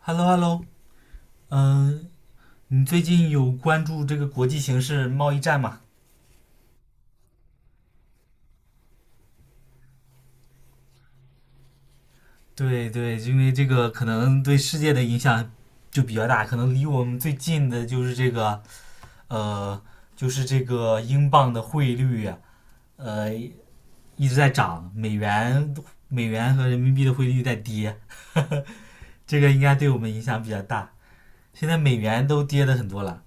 Hello Hello，嗯，呃你最近有关注这个国际形势、贸易战吗？对对，因为这个可能对世界的影响就比较大，可能离我们最近的就是这个呃，就是这个英镑的汇率啊，一直在涨，美元和人民币的汇率在跌，这个应该对我们影响比较大。现在美元都跌的很多了，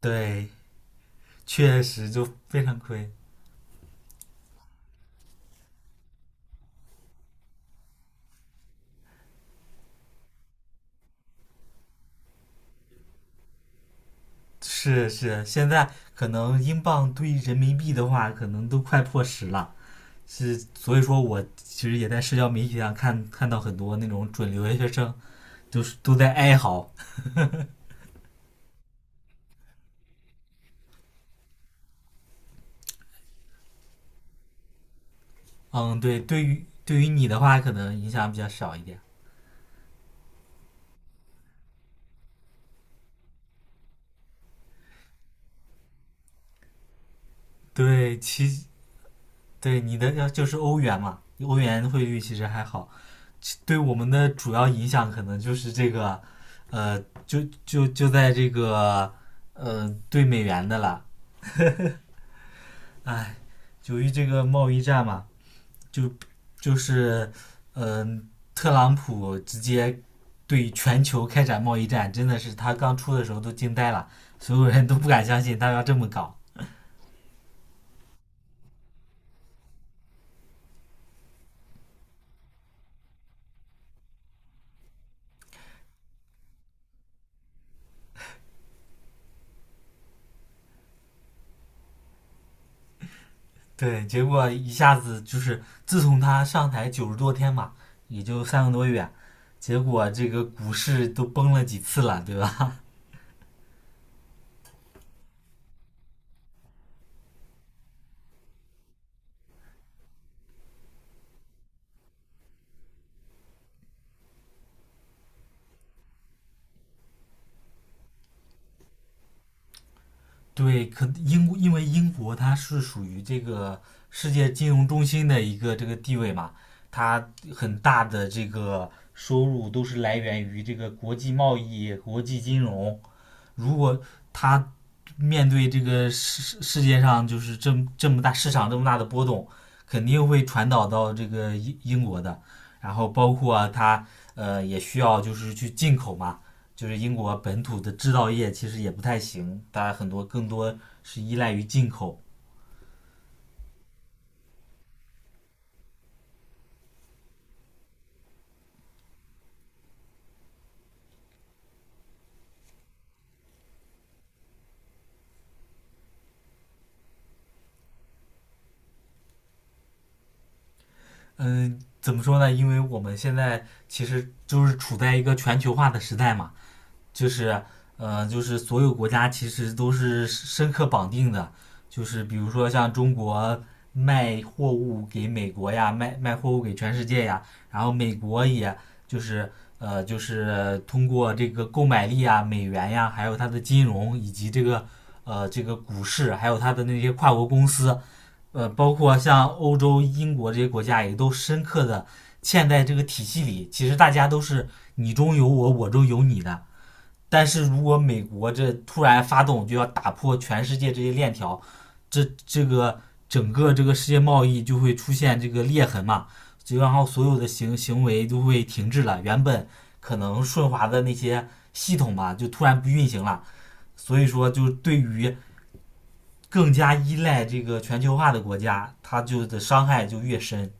对，确实就非常亏。是是，现在可能英镑兑人民币的话，可能都快破十了。是，所以说我其实也在社交媒体上看到很多那种准留学生，就是都在哀嚎。嗯，对，对于你的话，可能影响比较少一点。对，其对你的要就是欧元嘛，欧元汇率其实还好。其对我们的主要影响可能就是这个，呃，就在这个，兑美元的了。哎。由于这个贸易战嘛，就就是嗯、呃特朗普直接对全球开展贸易战，真的是他刚出的时候都惊呆了，所有人都不敢相信他要这么搞。对，结果一下子就是自从他上台90多天嘛，也就3个多月，结果这个股市都崩了几次了，对吧？对，可英国因为英国它是属于这个世界金融中心的一个这个地位嘛，它很大的这个收入都是来源于这个国际贸易、国际金融，如果他面对这个世界上就是这么大市场这么大的波动，肯定会传导到这个英国的。然后包括、啊、他也需要就是去进口嘛，就是英国本土的制造业其实也不太行，大家很多更多是依赖于进口。嗯，怎么说呢？因为我们现在其实就是处在一个全球化的时代嘛。就是就是所有国家其实都是深刻绑定的，就是比如说像中国卖货物给美国呀，卖货物给全世界呀，然后美国也就是就是通过这个购买力啊、美元呀，还有它的金融以及这个这个股市，还有它的那些跨国公司，包括像欧洲、英国这些国家也都深刻的嵌在这个体系里。其实大家都是你中有我，我中有你的，但是如果美国这突然发动，就要打破全世界这些链条，这这个整个这个世界贸易就会出现这个裂痕嘛，就然后所有的行为都会停滞了，原本可能顺滑的那些系统吧，就突然不运行了。所以说，就对于更加依赖这个全球化的国家，它就的伤害就越深。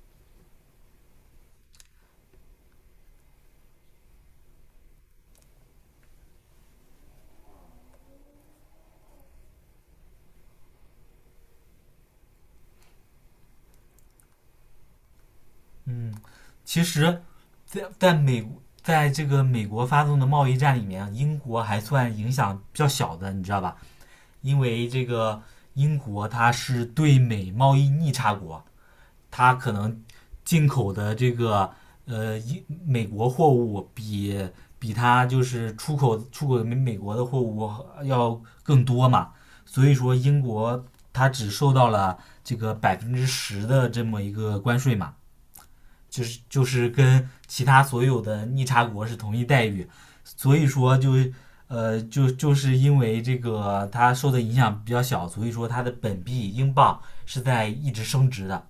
嗯，其实在在美在这个美国发动的贸易战里面，英国还算影响比较小的，你知道吧？因为这个英国它是对美贸易逆差国，它可能进口的这个英美国货物比它就是出口美国的货物要更多嘛，所以说英国它只受到了这个10%的这么一个关税嘛。就是就是跟其他所有的逆差国是同一待遇，所以说就因为这个它受的影响比较小，所以说它的本币英镑是在一直升值的。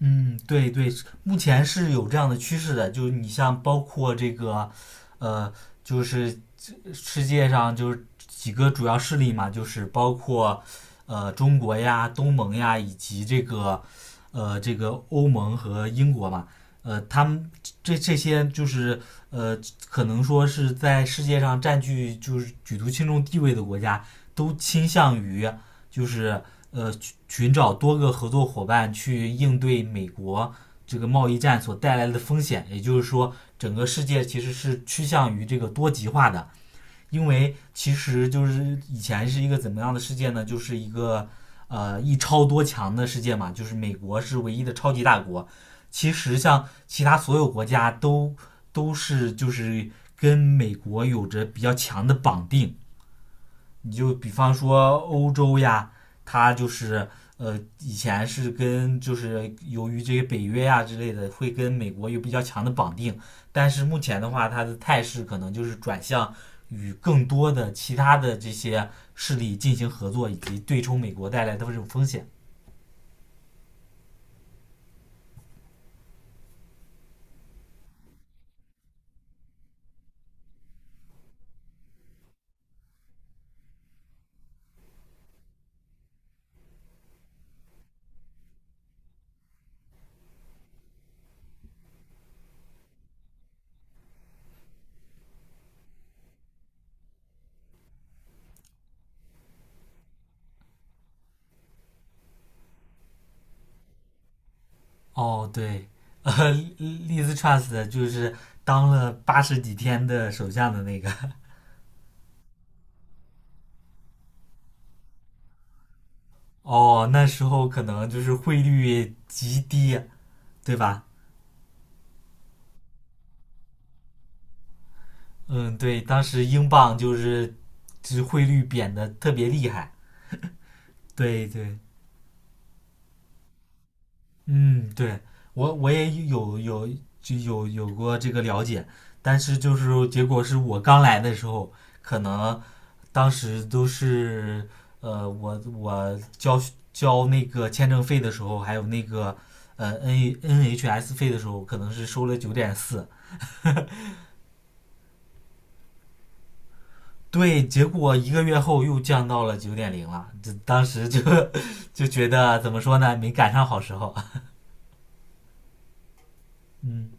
嗯，对对，目前是有这样的趋势的，就是你像包括这个，呃，就是世界上就是几个主要势力嘛，就是包括中国呀、东盟呀，以及这个这个欧盟和英国嘛，他们这些就是呃可能说是在世界上占据就是举足轻重地位的国家，都倾向于就是寻找多个合作伙伴去应对美国这个贸易战所带来的风险。也就是说，整个世界其实是趋向于这个多极化的，因为其实就是以前是一个怎么样的世界呢？就是一个一超多强的世界嘛，就是美国是唯一的超级大国。其实像其他所有国家都是就是跟美国有着比较强的绑定，你就比方说欧洲呀，它就是以前是跟就是由于这些北约呀之类的，会跟美国有比较强的绑定，但是目前的话，它的态势可能就是转向与更多的其他的这些势力进行合作，以及对冲美国带来的这种风险。哦，对 利 z trust 就是当了80几天的首相的那个。哦，那时候可能就是汇率极低，对吧？嗯，对，当时英镑就是就是汇率贬的特别厉害。对对，嗯，对我也有有就有有过这个了解，但是就是结果是我刚来的时候，可能当时都是我交那个签证费的时候，还有那个N N H S 费的时候，可能是收了九点四，对，结果一个月后又降到了九点零了，这当时就就觉得怎么说呢，没赶上好时候。嗯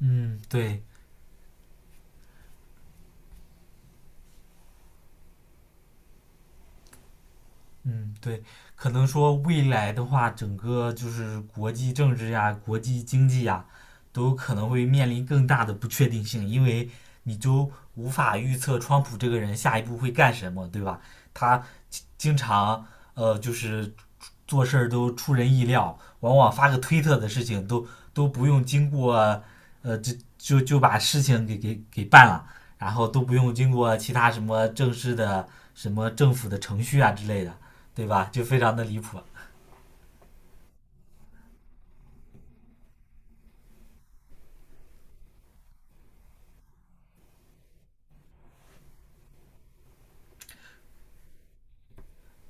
嗯，对，嗯对，可能说未来的话，整个就是国际政治呀、国际经济呀，都可能会面临更大的不确定性，因为你就无法预测川普这个人下一步会干什么，对吧？他经常就是做事儿都出人意料，往往发个推特的事情都不用经过，呃，就就把事情给办了，然后都不用经过其他什么正式的什么政府的程序啊之类的，对吧？就非常的离谱。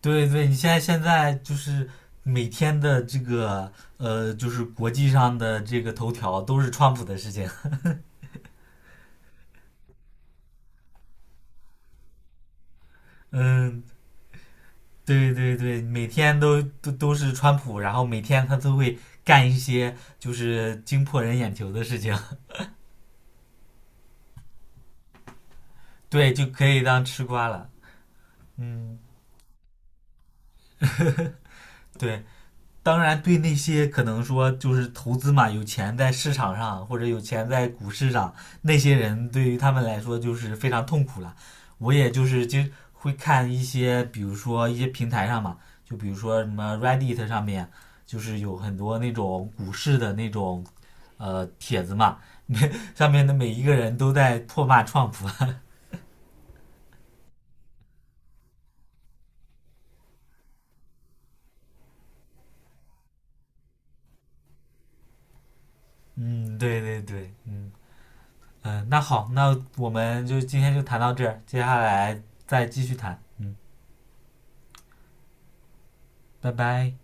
对对，你现在就是每天的这个就是国际上的这个头条都是川普的事情，嗯，对对对，每天都是川普，然后每天他都会干一些就是惊破人眼球的事情，对，就可以当吃瓜了。嗯，对，当然对那些可能说就是投资嘛，有钱在市场上或者有钱在股市上那些人，对于他们来说就是非常痛苦了。我也就是经会看一些，比如说一些平台上嘛，就比如说什么 Reddit 上面，就是有很多那种股市的那种。帖子嘛，上面的每一个人都在唾骂创普。嗯，对对对，那好，那我们就今天就谈到这儿，接下来再继续谈。嗯，拜拜。